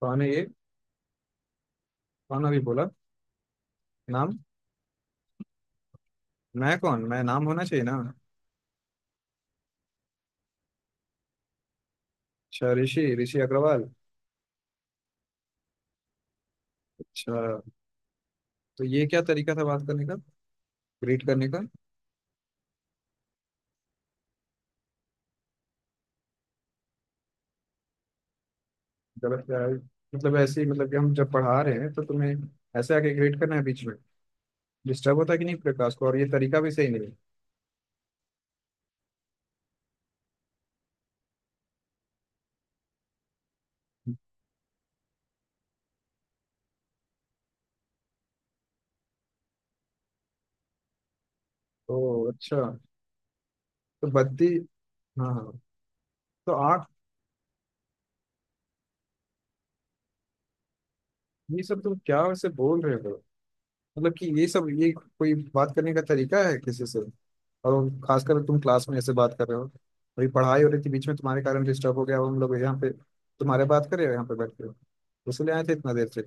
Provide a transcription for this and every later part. कौन है ये? कौन अभी बोला? नाम। मैं कौन? मैं नाम होना चाहिए ना। अच्छा, ऋषि, ऋषि अग्रवाल। अच्छा। तो ये क्या तरीका था बात करने का, ग्रीट करने का? गलत क्या है? मतलब ऐसे ही, मतलब कि हम जब पढ़ा रहे हैं तो तुम्हें ऐसे आके ग्रीट करना है बीच में? डिस्टर्ब होता है कि नहीं प्रकाश को? और ये तरीका भी सही नहीं है। तो अच्छा। तो बद्दी। हाँ हाँ। तो आठ, ये सब तुम क्या वैसे बोल रहे हो? मतलब कि ये सब, ये कोई बात करने का तरीका है किसी से? और खासकर तुम क्लास में ऐसे बात कर रहे हो। अभी पढ़ाई हो रही थी, बीच में तुम्हारे कारण डिस्टर्ब हो गया। अब हम लोग यहाँ पे तुम्हारे बात कर रहे हो यहाँ पे बैठ के। इसलिए आए थे इतना देर से?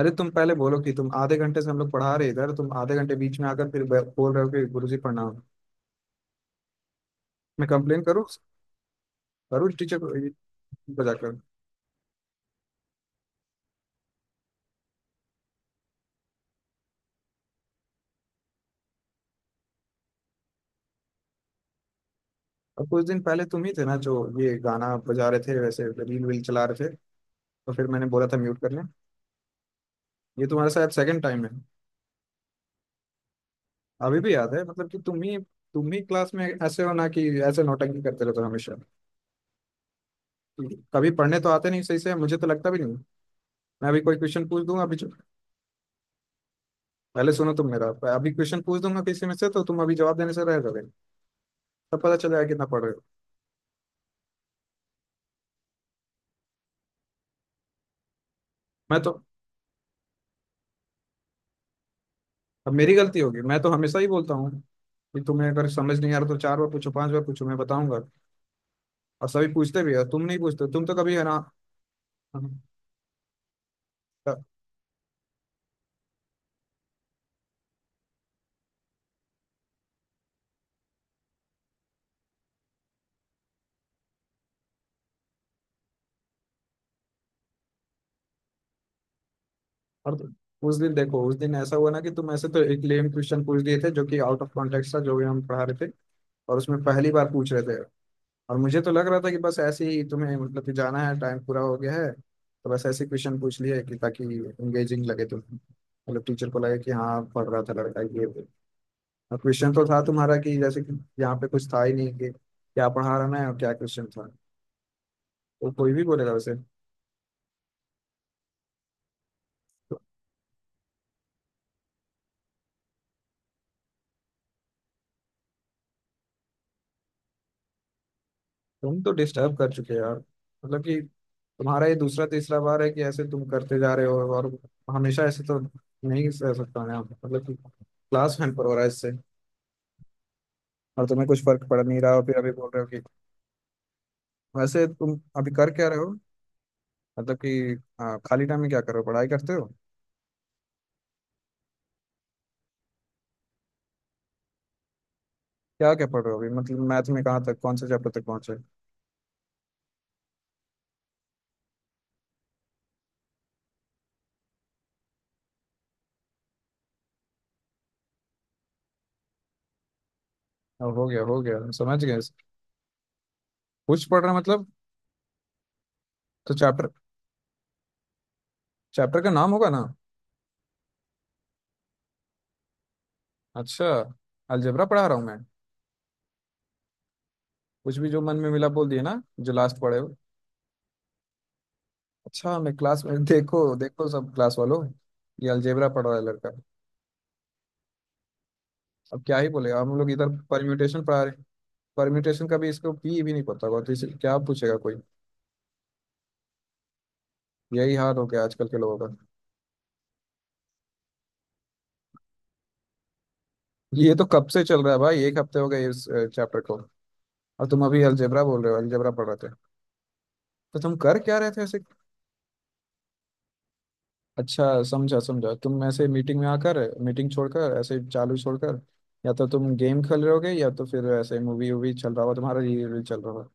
अरे तुम पहले बोलो कि तुम आधे घंटे से हम लोग पढ़ा रहे इधर, तुम आधे घंटे बीच में आकर फिर बोल रहे हो कि गुरुजी प्रणाम। मैं कंप्लेन करूँ करूँ टीचर को जाकर। और कुछ दिन पहले तुम ही थे ना जो ये गाना बजा रहे थे, वैसे रील वील चला रहे थे? तो फिर मैंने बोला था म्यूट कर लें। ये तुम्हारे साथ सेकंड टाइम है। अभी भी याद है मतलब कि तुम ही क्लास में ऐसे हो ना कि ऐसे नौटंकी करते रहते हो हमेशा। कभी पढ़ने तो आते नहीं सही से, मुझे तो लगता भी नहीं। मैं अभी कोई क्वेश्चन पूछ दूंगा अभी। पहले सुनो तुम मेरा। अभी क्वेश्चन पूछ दूंगा किसी में से तो तुम अभी जवाब देने से रह जाओगे। तब पता चल जाएगा कितना पढ़ रहे हो। मैं तो अब मेरी गलती होगी। मैं तो हमेशा ही बोलता हूँ कि तुम्हें अगर समझ नहीं आ रहा तो चार बार पूछो, पांच बार पूछो, मैं बताऊंगा। और सभी पूछते भी है, तुम नहीं पूछते, तुम तो कभी है ना। और उस दिन देखो, उस दिन ऐसा हुआ ना कि तुम ऐसे तो एक लेम क्वेश्चन पूछ दिए थे जो कि आउट ऑफ कॉन्टेक्स्ट था जो भी हम पढ़ा रहे थे। और उसमें पहली बार पूछ रहे थे। और मुझे तो लग रहा था कि बस ऐसे ही तुम्हें मतलब कि जाना है, टाइम पूरा हो गया है तो बस ऐसे क्वेश्चन पूछ लिए कि ताकि इंगेजिंग लगे तुम, मतलब टीचर को लगे कि हाँ पढ़ रहा था लड़का ये वो। और क्वेश्चन तो था तुम्हारा कि जैसे कि यहाँ पे कुछ था ही नहीं कि क्या पढ़ा रहा मैं और क्या क्वेश्चन था। तो कोई भी बोलेगा वैसे। तुम तो डिस्टर्ब कर चुके हो यार। मतलब कि तुम्हारा ये दूसरा तीसरा बार है कि ऐसे तुम करते जा रहे हो। और हमेशा ऐसे तो नहीं रह सकता मैं, मतलब कि क्लास हैम्पर हो रहा है इससे। और तुम्हें कुछ फर्क पड़ नहीं रहा, और फिर अभी बोल रहे हो कि। वैसे तुम अभी कर क्या रहे हो, मतलब कि खाली टाइम में क्या कर रहे हो, पढ़ाई करते हो? क्या क्या पढ़ रहे हो अभी, मतलब मैथ में कहाँ तक, कौन से चैप्टर तक पहुंचे? अब हो गया, हो गया, हम समझ गए। कुछ पढ़ रहा मतलब? तो चैप्टर, चैप्टर का नाम होगा ना। अच्छा, अलजेब्रा पढ़ा रहा हूँ मैं? कुछ भी जो मन में मिला बोल दिए ना जो लास्ट पढ़े हो। अच्छा, मैं क्लास में, देखो देखो सब क्लास वालों, ये अलजेब्रा पढ़ रहा है लड़का। अब क्या ही बोलेगा, हम लोग इधर परम्यूटेशन पढ़ा रहे। परम्यूटेशन का भी इसको भी नहीं पता होगा तो इसे क्या पूछेगा कोई। यही हाल हो गया आजकल के लोगों का। ये तो कब से चल रहा है भाई, एक हफ्ते हो गए इस चैप्टर को। और तुम अभी अलजेब्रा बोल रहे हो अलजेब्रा पढ़ रहे थे। तो तुम कर क्या रहे थे ऐसे? अच्छा, समझा समझा, तुम ऐसे मीटिंग में आकर मीटिंग छोड़कर ऐसे चालू छोड़कर, या तो तुम गेम खेल रहे होगे या तो फिर ऐसे मूवी वूवी चल रहा होगा तुम्हारा, रील वील चल रहा होगा।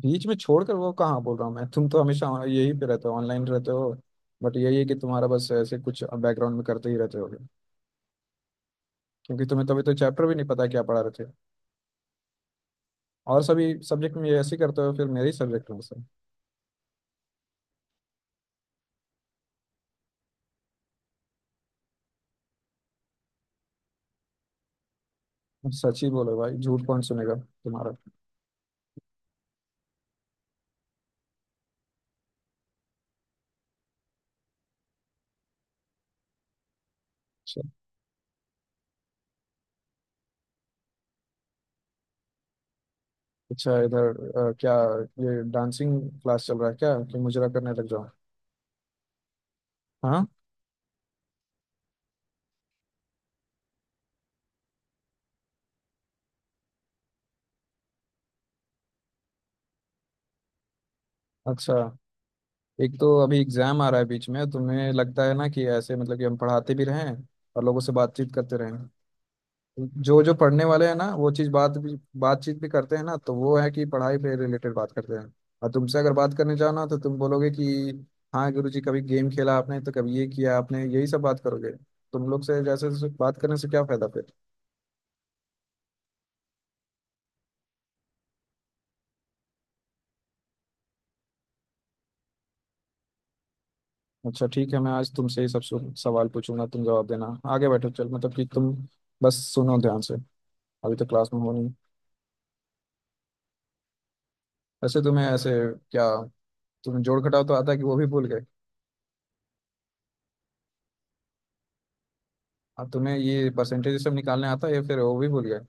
बीच में छोड़कर वो कहाँ बोल रहा हूँ मैं? तुम तो हमेशा यही पे रहते हो, ऑनलाइन रहते हो। बट यही है कि तुम्हारा बस ऐसे कुछ बैकग्राउंड में करते ही रहते हो, क्योंकि तुम्हें तभी तो चैप्टर भी नहीं पता क्या पढ़ा रहे थे। और सभी सब्जेक्ट में ये ऐसे ही करते हो फिर, मेरे ही सब्जेक्ट में ऐसे। सच ही बोलो भाई, झूठ कौन सुनेगा तुम्हारा? अच्छा। अच्छा, इधर क्या ये डांसिंग क्लास चल रहा है क्या कि मुजरा करने लग जाओ? हाँ। अच्छा, एक तो अभी एग्जाम आ रहा है, बीच में तुम्हें लगता है ना कि ऐसे मतलब कि हम पढ़ाते भी रहें और लोगों से बातचीत करते रहें। जो जो पढ़ने वाले हैं ना वो चीज बात भी बातचीत भी करते हैं ना तो वो है कि पढ़ाई पे रिलेटेड बात करते हैं। और तुमसे अगर बात करने जाओ ना तो तुम बोलोगे कि हाँ गुरुजी कभी गेम खेला आपने तो कभी ये किया आपने, यही सब बात करोगे। तुम लोग से जैसे जैसे बात करने से क्या फायदा फिर? अच्छा ठीक है, मैं आज तुमसे ही सब सवाल पूछूंगा, तुम जवाब देना। आगे बैठो चल मतलब कि तुम, बस सुनो ध्यान से। अभी तो क्लास में हो नहीं। वैसे तुम्हें ऐसे क्या, तुम्हें जोड़ घटाव तो आता है कि वो भी भूल गए? अब तुम्हें ये परसेंटेज सब निकालने आता है या फिर वो भी भूल गए?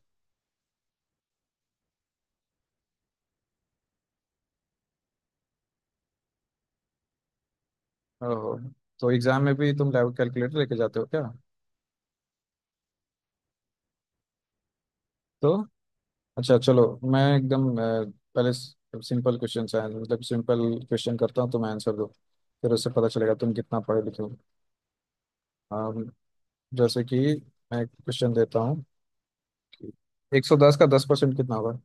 ओहो, तो एग्जाम में भी तुम लैब कैलकुलेटर लेके जाते हो क्या? तो अच्छा चलो, मैं एकदम पहले सिंपल क्वेश्चन है, मतलब सिंपल क्वेश्चन करता हूँ, तुम्हें आंसर दो फिर उससे पता चलेगा तुम कितना पढ़े लिखे हो। अम, जैसे कि मैं क्वेश्चन देता हूँ कि 110 का 10% कितना होगा?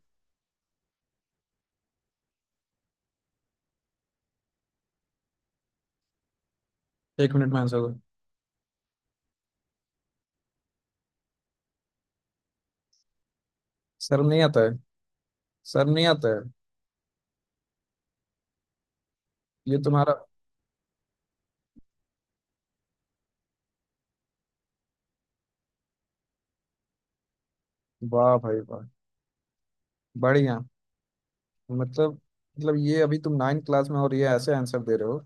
एक मिनट में आंसर दो। शर्म नहीं आता है? शर्म नहीं आता है? ये तुम्हारा वाह भाई वाह, बढ़िया। मतलब मतलब ये अभी तुम नाइन्थ क्लास में हो और ये ऐसे आंसर दे रहे हो।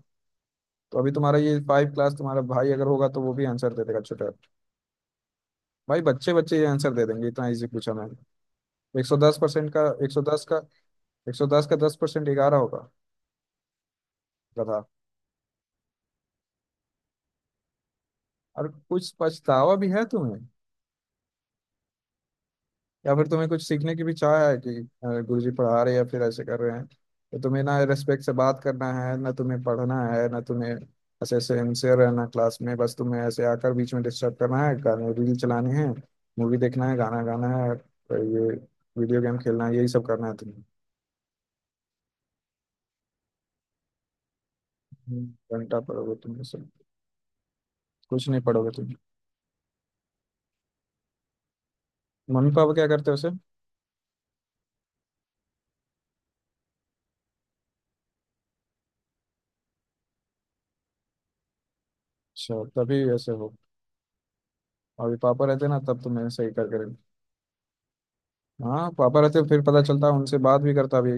तो अभी तुम्हारा ये फाइव क्लास तुम्हारा भाई अगर होगा तो वो भी आंसर दे देगा छोटा भाई। बच्चे बच्चे ये आंसर दे देंगे, इतना इजी पूछा मैंने। 110% का 110 का, 110 का दस परसेंट 11 होगा, गधा। और कुछ पछतावा भी है तुम्हें, या फिर तुम्हें कुछ सीखने की भी चाह है कि गुरुजी पढ़ा रहे हैं या फिर ऐसे कर रहे हैं? तो तुम्हें ना रेस्पेक्ट से बात करना है, ना तुम्हें पढ़ना है, ना तुम्हें ऐसे सिंसियर रहना क्लास में। बस तुम्हें ऐसे आकर बीच में डिस्टर्ब करना है, गाने रील चलानी है, मूवी देखना है, गाना गाना है और ये वीडियो गेम खेलना है, यही सब करना है तुम्हें। हम्म, घंटा पढ़ोगे तुम ये सब। कुछ नहीं पढ़ोगे तुम। मम्मी पापा क्या करते हो उसे? अच्छा तभी ऐसे हो। अभी पापा रहते ना तब तुम्हें सही करके रखते। हाँ पापा रहते फिर पता चलता, उनसे बात भी करता अभी।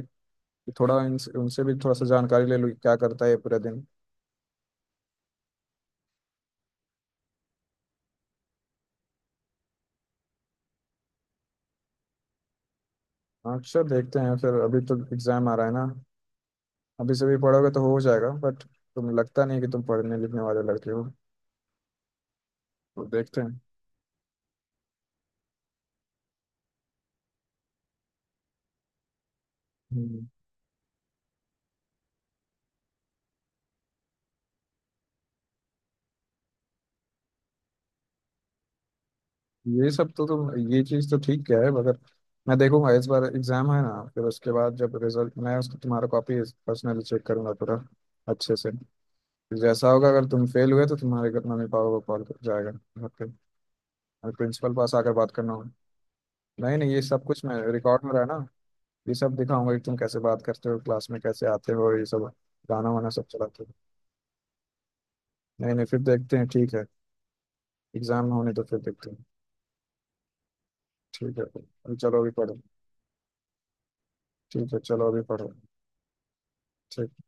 थोड़ा इनसे उनसे भी थोड़ा सा जानकारी ले लूँ कि क्या करता है ये पूरे दिन। हाँ, अच्छा देखते हैं फिर, अभी तो एग्जाम आ रहा है ना। अभी से भी पढ़ोगे तो हो जाएगा बट तुम लगता नहीं कि तुम पढ़ने लिखने वाले लड़के हो। तो देखते हैं। हम्म, ये सब तो तुम, ये चीज़ तो ठीक क्या है, मगर मैं देखूंगा इस बार एग्जाम है ना फिर उसके बाद जब रिजल्ट, मैं उसको तुम्हारा कॉपी पर्सनली चेक करूंगा पूरा अच्छे से। जैसा होगा, अगर तुम फेल हुए तो तुम्हारे घर मम्मी पापा को कॉल कर जाएगा घर पे, और प्रिंसिपल पास आकर बात करना होगा। नहीं नहीं, ये सब कुछ मैं रिकॉर्ड हो रहा है ना। ये सब दिखाऊंगा कि तुम कैसे बात करते हो क्लास में, कैसे आते हो, ये सब गाना वाना सब चलाते हो। नहीं नहीं, फिर देखते हैं ठीक है। एग्जाम होने तो फिर देखते हैं, ठीक है अभी चलो अभी पढ़ो। ठीक है चलो अभी पढ़ो। ठीक है।